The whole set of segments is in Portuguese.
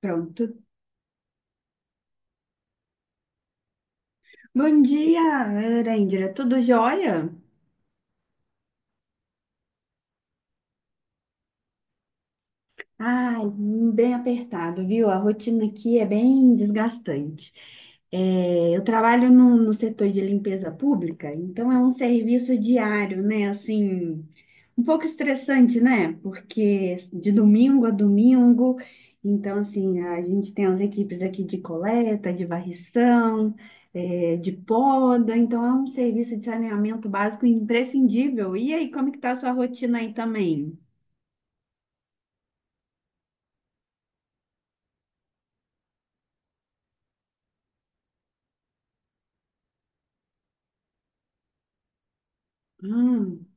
Pronto. Bom dia, Erendira. Tudo jóia? Ai, bem apertado, viu? A rotina aqui é bem desgastante. É, eu trabalho no setor de limpeza pública, então é um serviço diário, né? Assim, um pouco estressante, né? Porque de domingo a domingo, então, assim, a gente tem as equipes aqui de coleta, de varrição, é, de poda, então é um serviço de saneamento básico imprescindível. E aí, como é que tá a sua rotina aí também? Hum,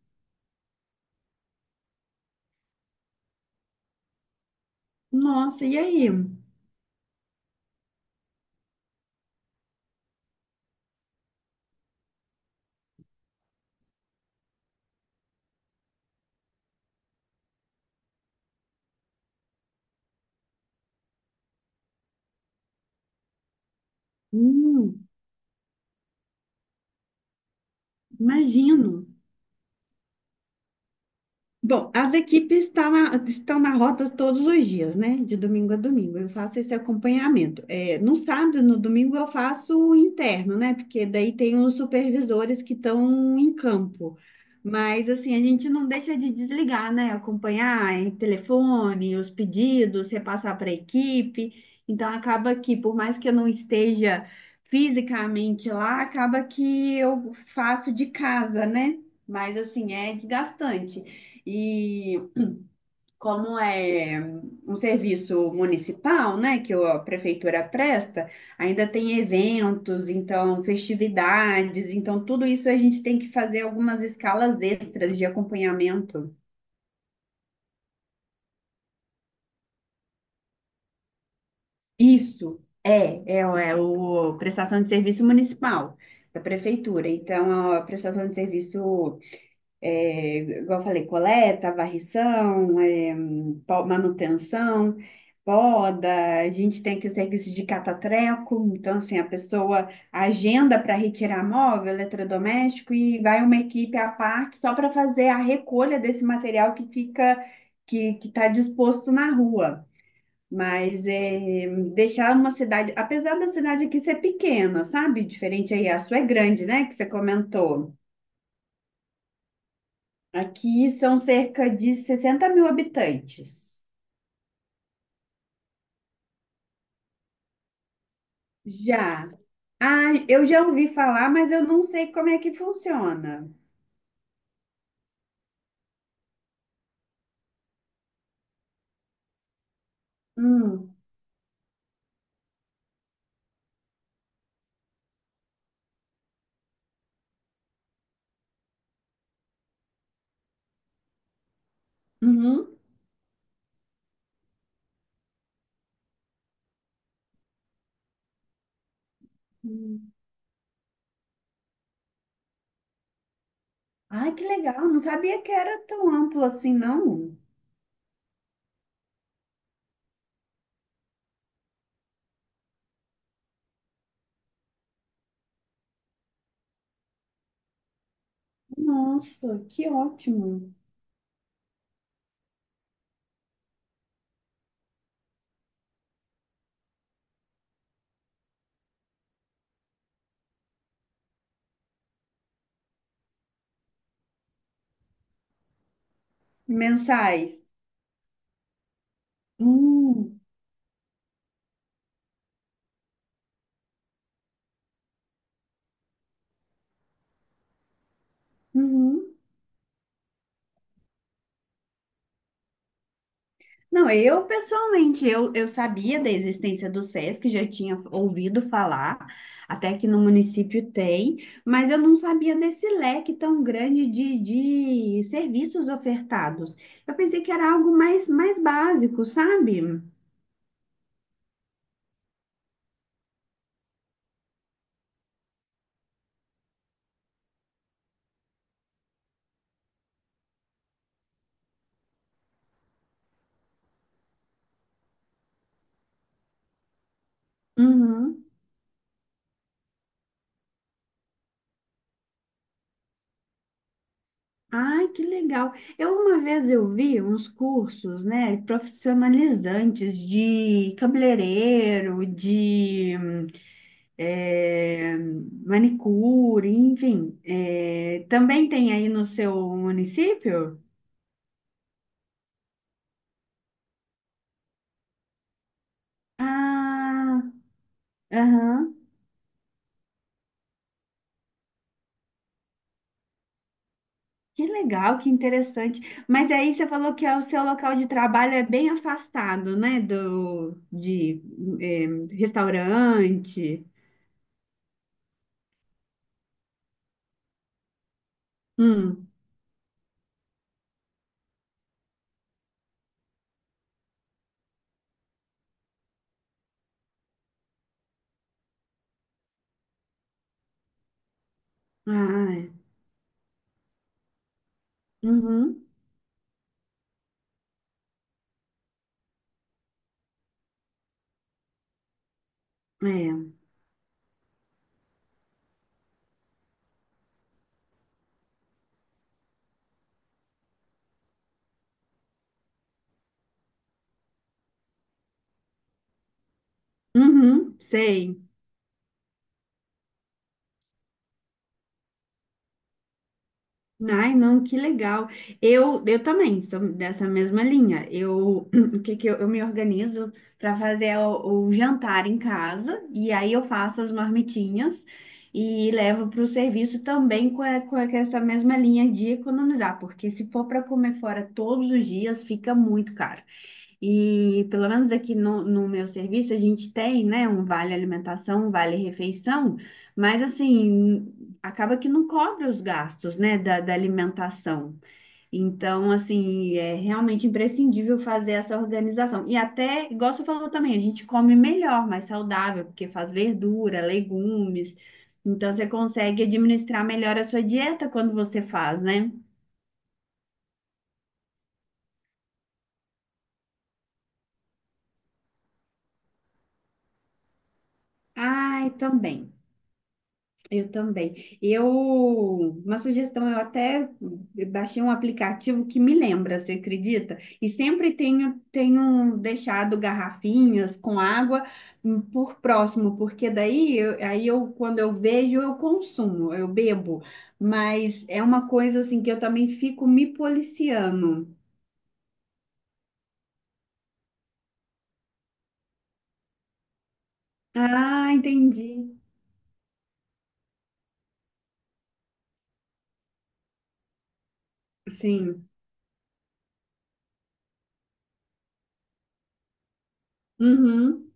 nossa, e aí? Hum, imagino. Bom, as estão na rota todos os dias, né? De domingo a domingo. Eu faço esse acompanhamento. É, no sábado e no domingo, eu faço o interno, né? Porque daí tem os supervisores que estão em campo. Mas, assim, a gente não deixa de desligar, né? Acompanhar em telefone, os pedidos, repassar para a equipe. Então, acaba que, por mais que eu não esteja fisicamente lá, acaba que eu faço de casa, né? Mas assim, é desgastante. E como é um serviço municipal, né, que a prefeitura presta, ainda tem eventos, então festividades, então tudo isso a gente tem que fazer algumas escalas extras de acompanhamento. Isso é o prestação de serviço municipal da prefeitura. Então a prestação de serviço é, igual eu falei, coleta, varrição, é, manutenção, poda, a gente tem aqui o serviço de catatreco, então assim, a pessoa agenda para retirar móvel, eletrodoméstico e vai uma equipe à parte só para fazer a recolha desse material que fica, que está disposto na rua. Mas é, deixar uma cidade, apesar da cidade aqui ser pequena, sabe? Diferente aí, a sua é grande, né? Que você comentou. Aqui são cerca de 60 mil habitantes. Já. Ah, eu já ouvi falar, mas eu não sei como é que funciona. Hum, uhum. Hum. Ai, que legal. Não sabia que era tão amplo assim, não. Nossa, que ótimo. Mensais. Hum, uhum. Não, eu pessoalmente, eu sabia da existência do SESC, já tinha ouvido falar, até que no município tem, mas eu não sabia desse leque tão grande de serviços ofertados. Eu pensei que era algo mais, mais básico, sabe? Uhum. Ai, que legal. Eu uma vez eu vi uns cursos, né, profissionalizantes de cabeleireiro, de é, manicure, enfim. É, também tem aí no seu município? Ah, aham. Que legal, que interessante. Mas aí você falou que é o seu local de trabalho é bem afastado, né, do de é, restaurante. Hum. Ah, Uhum, é. Uhum, sei. Ai, não, que legal. Eu também sou dessa mesma linha. Eu, o que eu me organizo para fazer o jantar em casa e aí eu faço as marmitinhas e levo para o serviço também com essa mesma linha de economizar, porque se for para comer fora todos os dias, fica muito caro. E pelo menos aqui no meu serviço a gente tem, né, um vale alimentação, um vale refeição, mas assim, acaba que não cobre os gastos, né, da alimentação. Então, assim, é realmente imprescindível fazer essa organização. E até, igual você falou também, a gente come melhor, mais saudável, porque faz verdura, legumes. Então, você consegue administrar melhor a sua dieta quando você faz, né? Ai, também. Eu também. Eu, uma sugestão, eu até baixei um aplicativo que me lembra, você acredita? E sempre tenho, tenho deixado garrafinhas com água por próximo, porque daí, quando eu vejo, eu consumo, eu bebo. Mas é uma coisa assim que eu também fico me policiando. Ah, entendi. Sim. Uhum.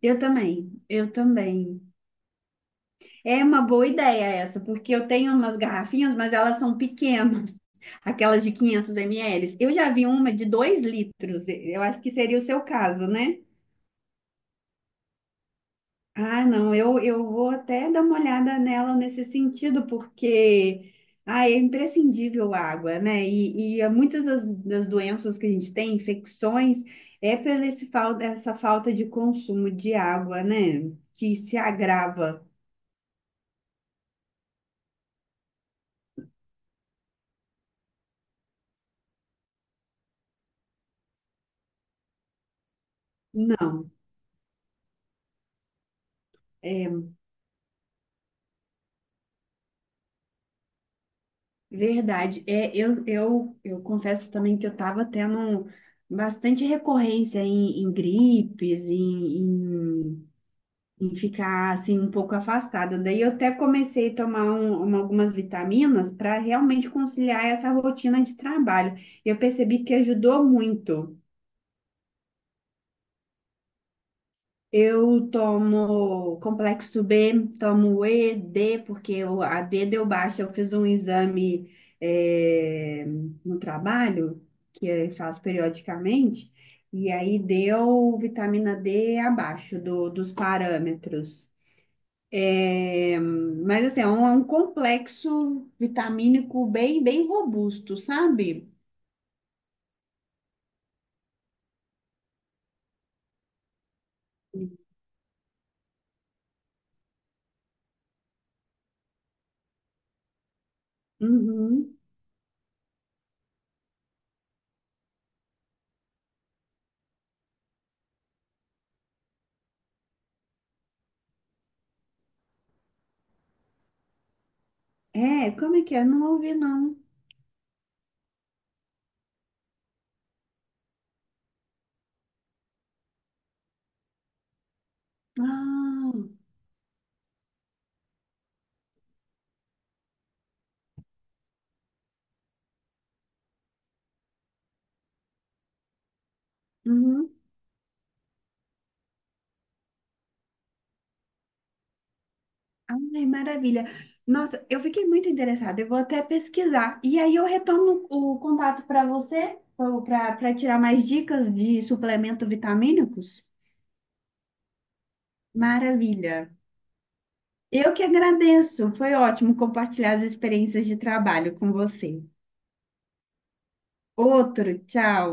Eu também, eu também. É uma boa ideia essa, porque eu tenho umas garrafinhas, mas elas são pequenas, aquelas de 500 ml. Eu já vi uma de 2 litros, eu acho que seria o seu caso, né? Ah, não, eu vou até dar uma olhada nela nesse sentido, porque ah, é imprescindível a água, né? E há muitas das doenças que a gente tem, infecções, é pela essa falta de consumo de água, né? Que se agrava. Não. É verdade. É, eu confesso também que eu estava tendo bastante recorrência em gripes, em ficar assim um pouco afastada. Daí eu até comecei a tomar algumas vitaminas para realmente conciliar essa rotina de trabalho. Eu percebi que ajudou muito. Eu tomo complexo B, tomo E, D, porque o a D deu baixa. Eu fiz um exame eh, no trabalho, que eu faço periodicamente, e aí deu vitamina D abaixo dos parâmetros. Eh, mas assim, é um complexo vitamínico bem, bem robusto, sabe? Uhum. É, como é que é? Não ouvi, não. Ah, uhum. Ai, maravilha. Nossa, eu fiquei muito interessada. Eu vou até pesquisar. E aí eu retorno o contato para você, para tirar mais dicas de suplemento vitamínicos. Maravilha. Eu que agradeço. Foi ótimo compartilhar as experiências de trabalho com você. Outro, tchau.